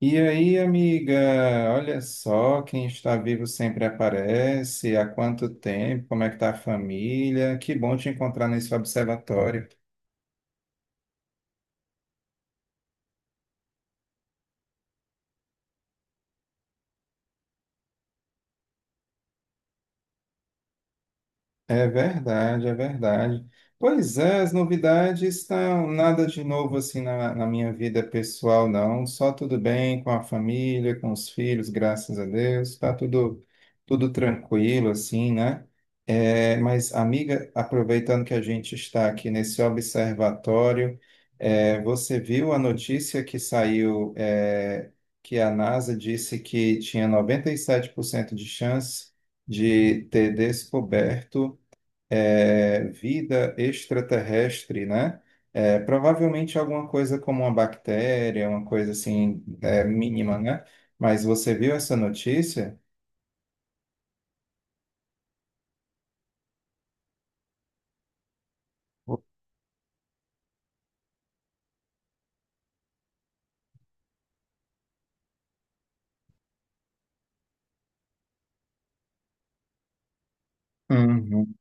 E aí, amiga, olha só, quem está vivo sempre aparece. Há quanto tempo? Como é que tá a família? Que bom te encontrar nesse observatório. É verdade, é verdade. Pois é, as novidades estão nada de novo assim na minha vida pessoal, não. Só tudo bem com a família, com os filhos, graças a Deus. Está tudo, tudo tranquilo, assim, né? É, mas, amiga, aproveitando que a gente está aqui nesse observatório, você viu a notícia que saiu, que a NASA disse que tinha 97% de chance de ter descoberto vida extraterrestre, né? É, provavelmente alguma coisa como uma bactéria, uma coisa assim, mínima, né? Mas você viu essa notícia? Uhum.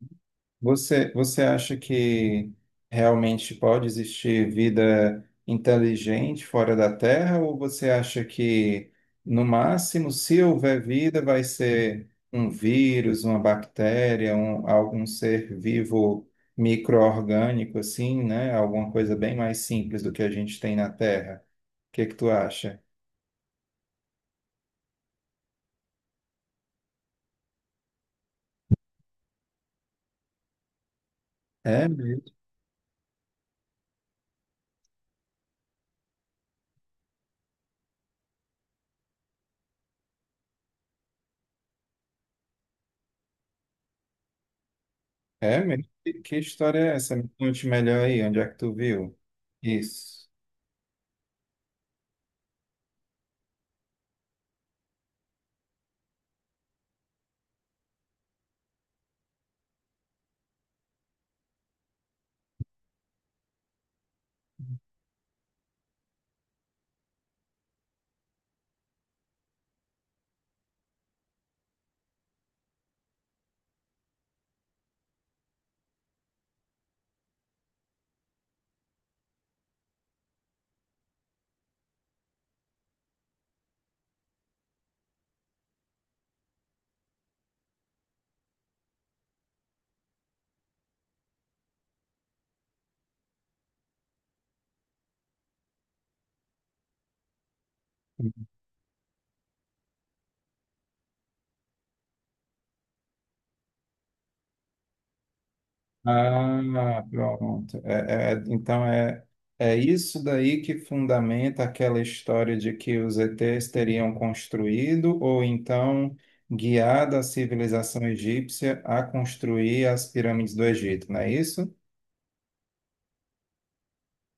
Você, você acha que realmente pode existir vida inteligente fora da Terra, ou você acha que, no máximo, se houver vida, vai ser um vírus, uma bactéria, um, algum ser vivo micro-orgânico, assim, né? Alguma coisa bem mais simples do que a gente tem na Terra? O que que tu acha? É mesmo? É mesmo? Que história é essa? Me conte melhor aí, onde é que tu viu? Isso. Ah, pronto. Então é isso daí que fundamenta aquela história de que os ETs teriam construído ou então guiado a civilização egípcia a construir as pirâmides do Egito, não é isso?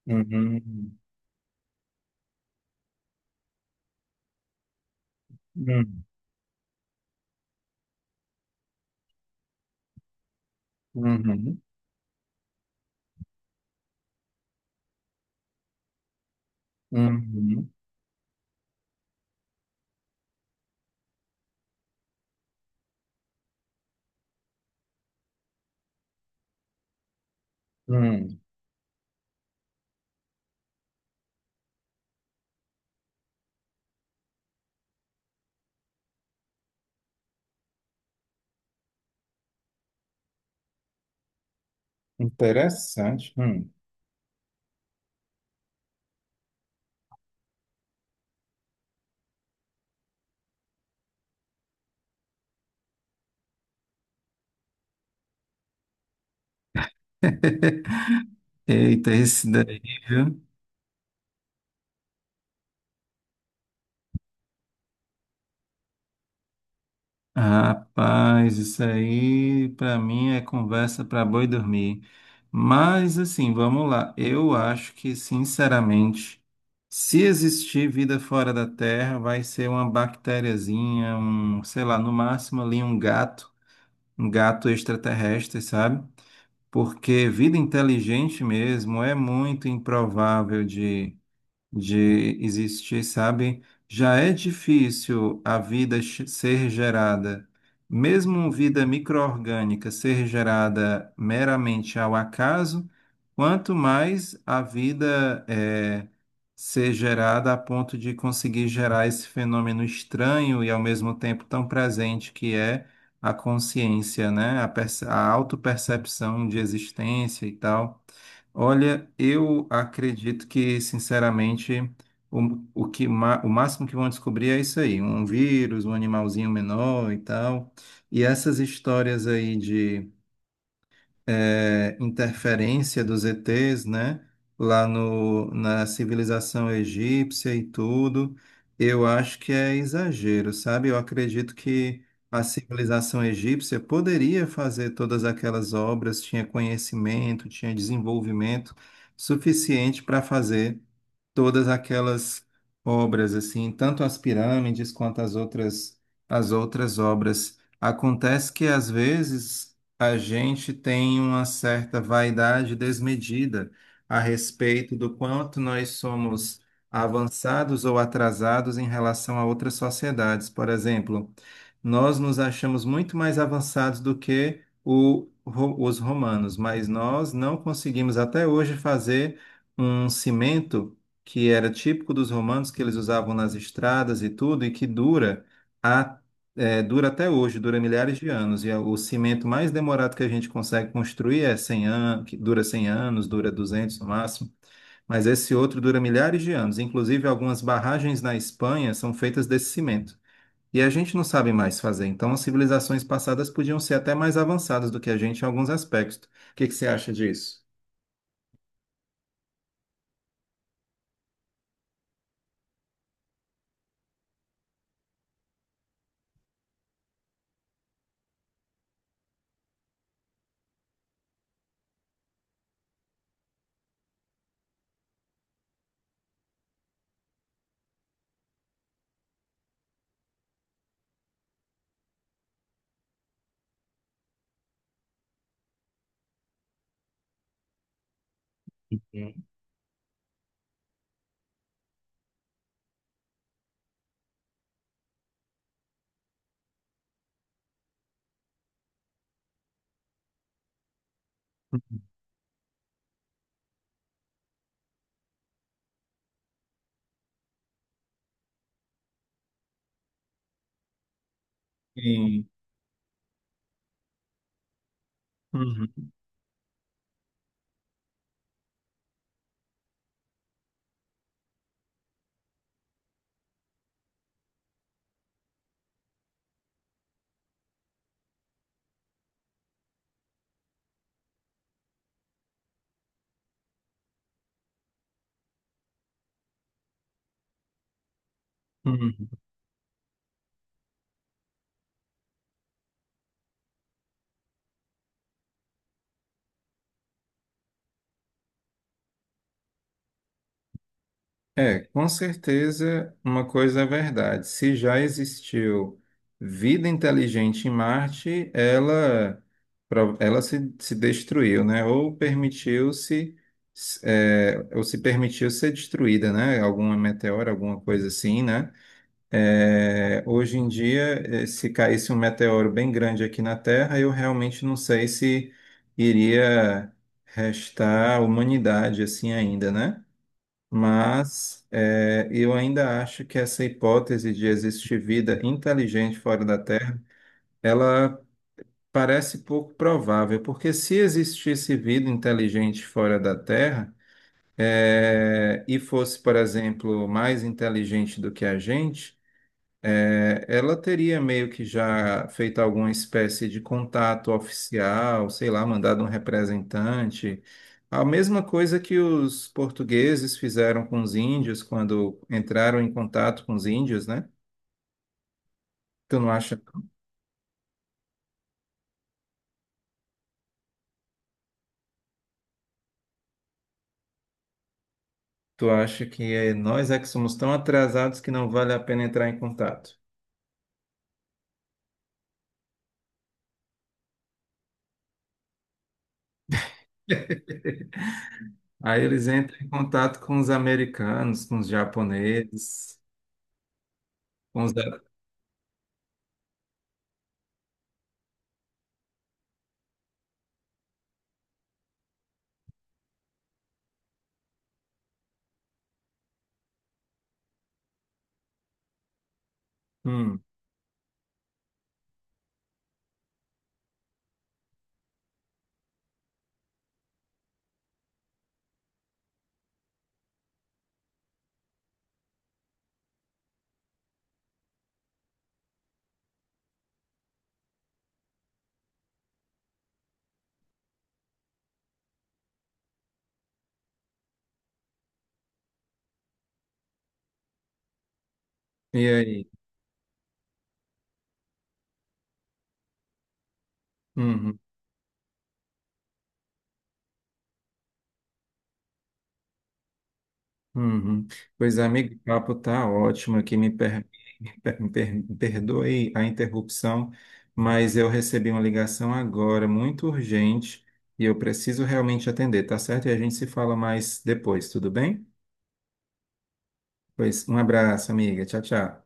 Uhum, uhum, uhum, uhum, uhum. Interessante. Hum. Eita, esse daí, viu? Rapaz, isso aí para mim é conversa para boi dormir. Mas assim, vamos lá. Eu acho que, sinceramente, se existir vida fora da Terra, vai ser uma bactériazinha, um, sei lá, no máximo ali um gato extraterrestre, sabe? Porque vida inteligente mesmo é muito improvável de existir, sabe? Já é difícil a ser gerada, mesmo vida microorgânica ser gerada meramente ao acaso, quanto mais a vida ser gerada a ponto de conseguir gerar esse fenômeno estranho e ao mesmo tempo tão presente que é a consciência, né? A autopercepção de existência e tal. Olha, eu acredito que, sinceramente, o, o máximo que vão descobrir é isso aí, um vírus, um animalzinho menor e tal. E essas histórias aí de interferência dos ETs, né? Lá no, na civilização egípcia e tudo, eu acho que é exagero, sabe? Eu acredito que a civilização egípcia poderia fazer todas aquelas obras, tinha conhecimento, tinha desenvolvimento suficiente para fazer todas aquelas obras assim, tanto as pirâmides quanto as outras obras. Acontece que às vezes a gente tem uma certa vaidade desmedida a respeito do quanto nós somos avançados ou atrasados em relação a outras sociedades. Por exemplo, nós nos achamos muito mais avançados do que os romanos, mas nós não conseguimos até hoje fazer um cimento que era típico dos romanos, que eles usavam nas estradas e tudo, e que dura, a, dura até hoje, dura milhares de anos. E é o cimento mais demorado que a gente consegue construir é 100 anos, que dura 100 anos, dura 200 no máximo, mas esse outro dura milhares de anos. Inclusive, algumas barragens na Espanha são feitas desse cimento. E a gente não sabe mais fazer, então as civilizações passadas podiam ser até mais avançadas do que a gente em alguns aspectos. O que que você acha disso? Hum. Sim. Uhum. Uhum. É, com certeza uma coisa é verdade. Se já existiu vida inteligente em Marte, ela se, se destruiu, né? Ou ou se permitiu ser destruída, né? Alguma meteora, alguma coisa assim, né? É, hoje em dia, se caísse um meteoro bem grande aqui na Terra, eu realmente não sei se iria restar humanidade assim ainda, né? Mas é, eu ainda acho que essa hipótese de existir vida inteligente fora da Terra, ela parece pouco provável, porque se existisse vida inteligente fora da Terra, e fosse, por exemplo, mais inteligente do que a gente, é, ela teria meio que já feito alguma espécie de contato oficial, sei lá, mandado um representante. A mesma coisa que os portugueses fizeram com os índios quando entraram em contato com os índios, né? Tu não acha? Tu acha que é, nós é que somos tão atrasados que não vale a pena entrar em contato? Aí eles entram em contato com os americanos, com os japoneses, com os... Hum, e aí? Uhum. Uhum. Pois, amigo, o papo tá ótimo aqui. Me perdoe a interrupção, mas eu recebi uma ligação agora, muito urgente, e eu preciso realmente atender, tá certo? E a gente se fala mais depois, tudo bem? Pois, um abraço, amiga. Tchau, tchau.